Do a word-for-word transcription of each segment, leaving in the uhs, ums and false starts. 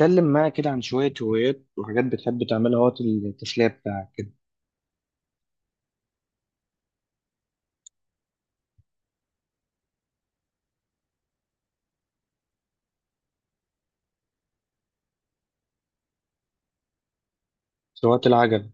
اتكلم معايا كده عن شوية هوايات وحاجات بتحب تعملها وقت التسلية بتاعك كده. في وقت العجل؟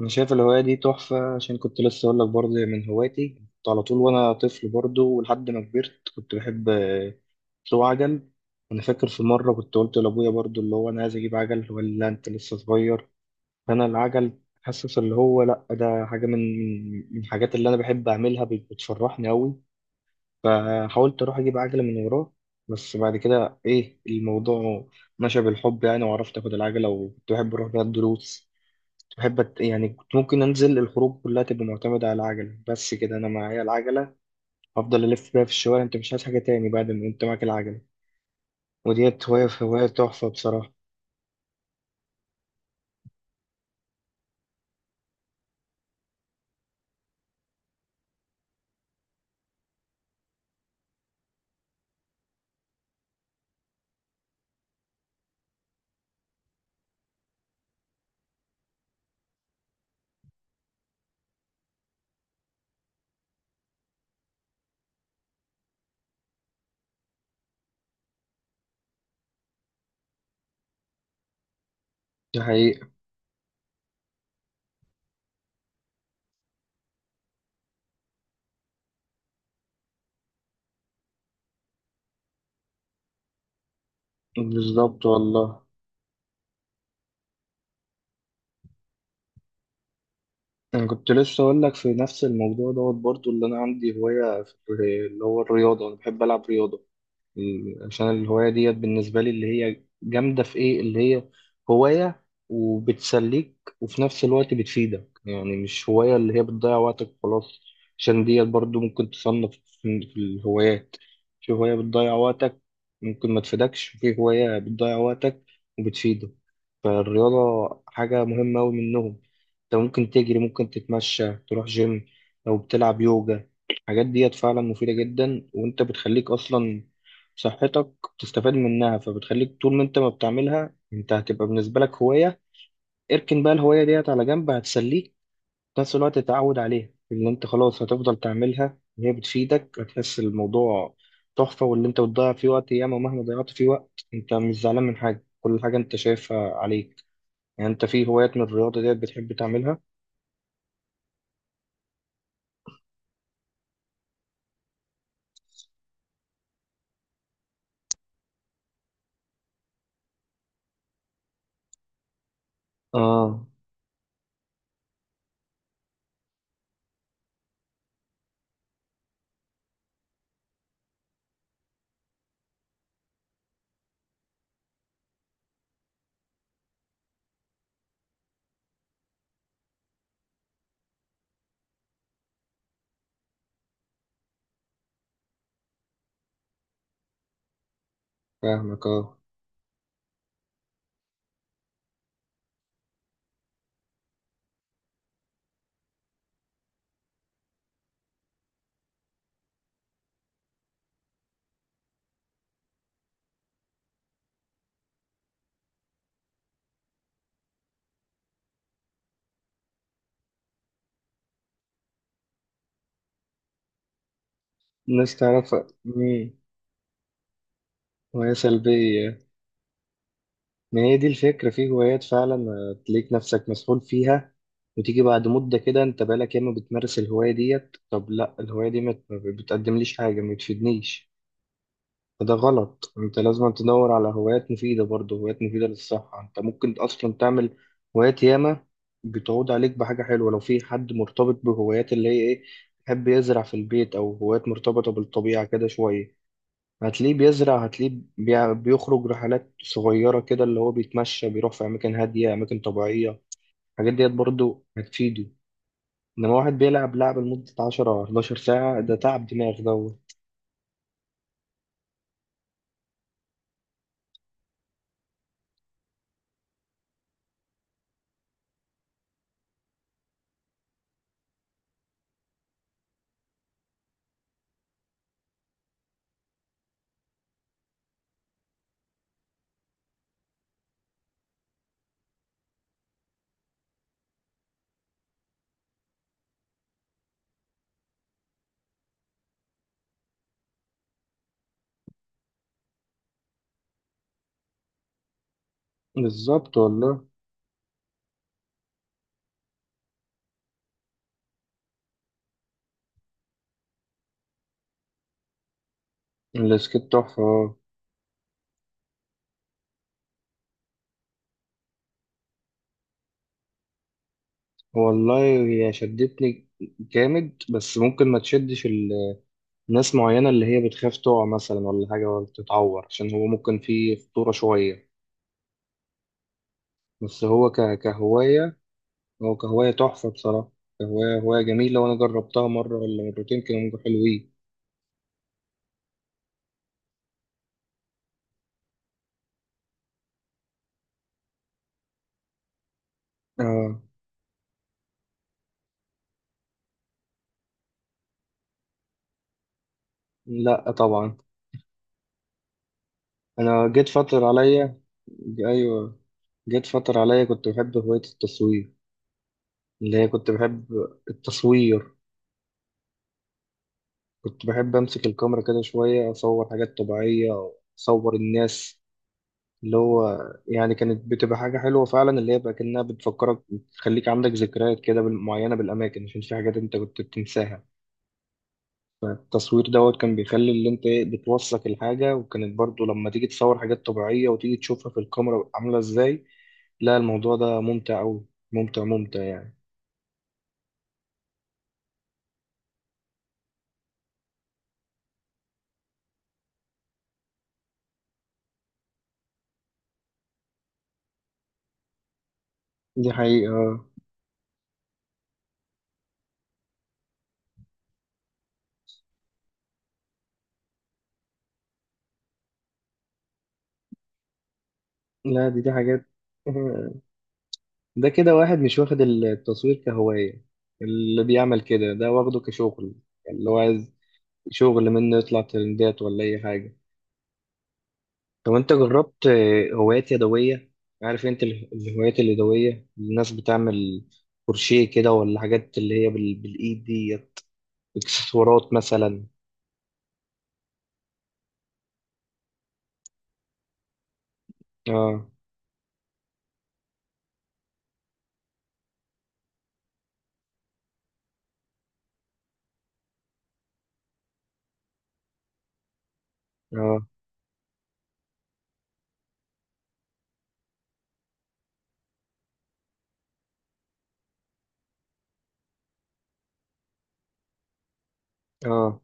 أنا شايف الهواية دي تحفة، عشان كنت لسه أقول لك برضه هي من هواياتي، كنت على طول وأنا طفل برضه ولحد ما كبرت كنت بحب آه، أسوق عجل. أنا فاكر في مرة كنت قلت لأبويا برضه اللي هو أنا عايز أجيب عجل، ولا أنت لسه صغير؟ فأنا العجل حاسس اللي هو لأ، ده حاجة من من الحاجات اللي أنا بحب أعملها، بت- بتفرحني أوي. فحاولت اروح اجيب عجله من وراه، بس بعد كده ايه الموضوع مشى بالحب يعني، وعرفت اخد العجله، وكنت بحب اروح بيها الدروس. كنت بحب أت- يعني كنت ممكن انزل الخروج كلها تبقى معتمده على العجله، بس كده انا معايا العجله، افضل الف بيها في الشوارع. انت مش عايز حاجه تاني بعد ما انت معاك العجله، وديت هوايه، هوايه تحفه بصراحه. دي حقيقه. بالظبط والله. انا كنت لسه اقول لك في نفس الموضوع دوت برضو، اللي انا عندي هوايه في اللي هو الرياضه، انا بحب العب رياضه. إيه، عشان الهواية ديت بالنسبة لي اللي هي جامدة في إيه، اللي هي هواية وبتسليك وفي نفس الوقت بتفيدك، يعني مش هواية اللي هي بتضيع وقتك خلاص. عشان ديت برضو ممكن تصنف في في الهوايات. في هواية بتضيع وقتك ممكن ما تفيدكش، وفي هواية بتضيع وقتك وبتفيدك. فالرياضة حاجة مهمة أوي منهم. أنت ممكن تجري، ممكن تتمشى، تروح جيم، أو بتلعب يوجا. الحاجات ديت فعلا مفيدة جدا، وأنت بتخليك أصلا صحتك بتستفاد منها. فبتخليك طول ما انت ما بتعملها انت هتبقى بالنسبة لك هواية، اركن بقى الهواية ديت على جنب، هتسليك في نفس الوقت تتعود عليها اللي انت خلاص هتفضل تعملها، وهي بتفيدك. هتحس الموضوع تحفة، واللي انت بتضيع فيه وقت ياما مهما ضيعت فيه وقت انت مش زعلان من حاجة، كل حاجة انت شايفها عليك. يعني انت في هوايات من الرياضة ديت بتحب تعملها؟ اه. فاهمك اه. الناس تعرف. مم. هواية سلبية. ما هي دي الفكرة، في هوايات فعلا آه، تلاقيك نفسك مسحول فيها، وتيجي بعد مدة كده انت بقالك ياما بتمارس الهواية ديت، طب لا الهواية دي ما ما بتقدمليش حاجة، ما بتفيدنيش. فده غلط، انت لازم تدور على هوايات مفيدة برضه، هوايات مفيدة للصحة. انت ممكن اصلا تعمل هوايات ياما بتعود عليك بحاجة حلوة. لو في حد مرتبط بهوايات اللي هي ايه، يحب يزرع في البيت، او هوايات مرتبطة بالطبيعة كده شوية، هتلاقيه بيزرع، هتلاقيه بيع- بيخرج رحلات صغيرة كده، اللي هو بيتمشى، بيروح في أماكن هادية، أماكن طبيعية. الحاجات ديت برضو هتفيده. إنما واحد بيلعب لعبة لمدة عشرة أو حداشر ساعة، ده تعب دماغ دوت. بالظبط والله. السكيت تحفة آه. والله هي شدتني جامد، بس ممكن ما تشدش ال- ناس معينة اللي هي بتخاف تقع مثلا ولا حاجة، ولا تتعور، عشان هو ممكن فيه خطورة شوية. بس هو ك- كهواية، هو كهواية تحفة بصراحة. كهواية هواية جميلة، وأنا جربتها مرة ولا مرتين، كانوا حلوين. آه. لا طبعا. أنا جيت فترة عليا. أيوة. جيت فترة عليا كنت بحب هواية التصوير، اللي هي كنت بحب التصوير. كنت بحب أمسك الكاميرا كده شوية، أصور حاجات طبيعية أو أصور الناس. اللي هو يعني كانت بتبقى حاجة حلوة فعلا، اللي هي بقى كأنها بتفكرك، بتخليك عندك ذكريات كده بال- معينة بالأماكن، عشان في حاجات أنت كنت بتنساها. التصوير دوت كان بيخلي اللي انت ايه بتوثق الحاجة، وكانت برضو لما تيجي تصور حاجات طبيعية وتيجي تشوفها في الكاميرا عاملة ازاي، لا الموضوع ده ممتع أوي. ممتع ممتع يعني. دي حقيقة آه. لا دي دي حاجات آه. ده كده واحد مش واخد التصوير كهواية، اللي بيعمل كده ده واخده كشغل. يعني اللي هو عايز شغل منه يطلع ترندات ولا أي حاجة. طب انت جربت آه، هوايات يدوية؟ عارف انت ال- الهوايات اليدوية الناس بتعمل كروشيه كده، ولا حاجات اللي هي بال... بالايد دي، اكسسوارات مثلا. اه. اه. اه.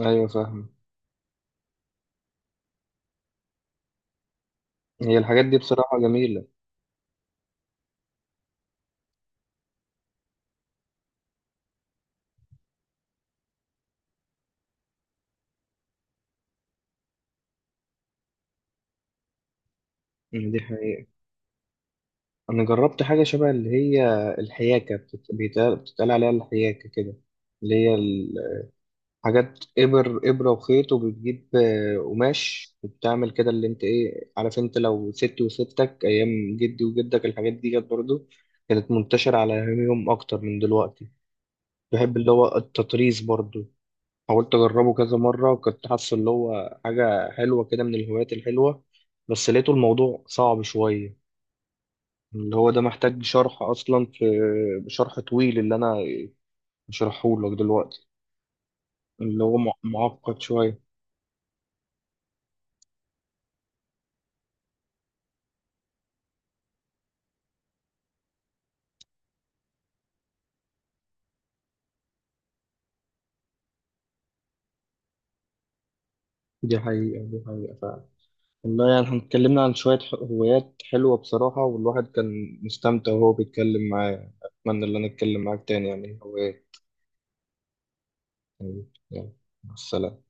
ايوه فاهم. هي الحاجات دي بصراحة جميلة. يعني دي حقيقة. انا جربت حاجة شبه اللي هي الحياكة، بتت- بيتقال بتتقال عليها الحياكة كده، اللي هي ال- حاجات إبر، إبرة وخيط، وبتجيب آه، قماش وبتعمل كده اللي أنت إيه، عارف أنت لو ستي وستك أيام جدي وجدك الحاجات دي كانت برضه كانت منتشرة على أيامهم أكتر من دلوقتي. بحب اللي هو التطريز برضه، حاولت أجربه كذا مرة، وكنت حاسه اللي هو حاجة حلوة كده من الهوايات الحلوة، بس لقيته الموضوع صعب شوية. اللي هو ده محتاج شرح أصلا، في شرح طويل اللي أنا شرحهولك دلوقتي. اللي هو مع- معقد شوية. دي حقيقة، دي حقيقة فعلا. والله يعني احنا اتكلمنا عن شوية ح- هوايات حلوة بصراحة، والواحد كان مستمتع وهو بيتكلم معايا. أتمنى إن أنا أتكلم معاك تاني يعني هوايات. يعني يلا، مع السلامة.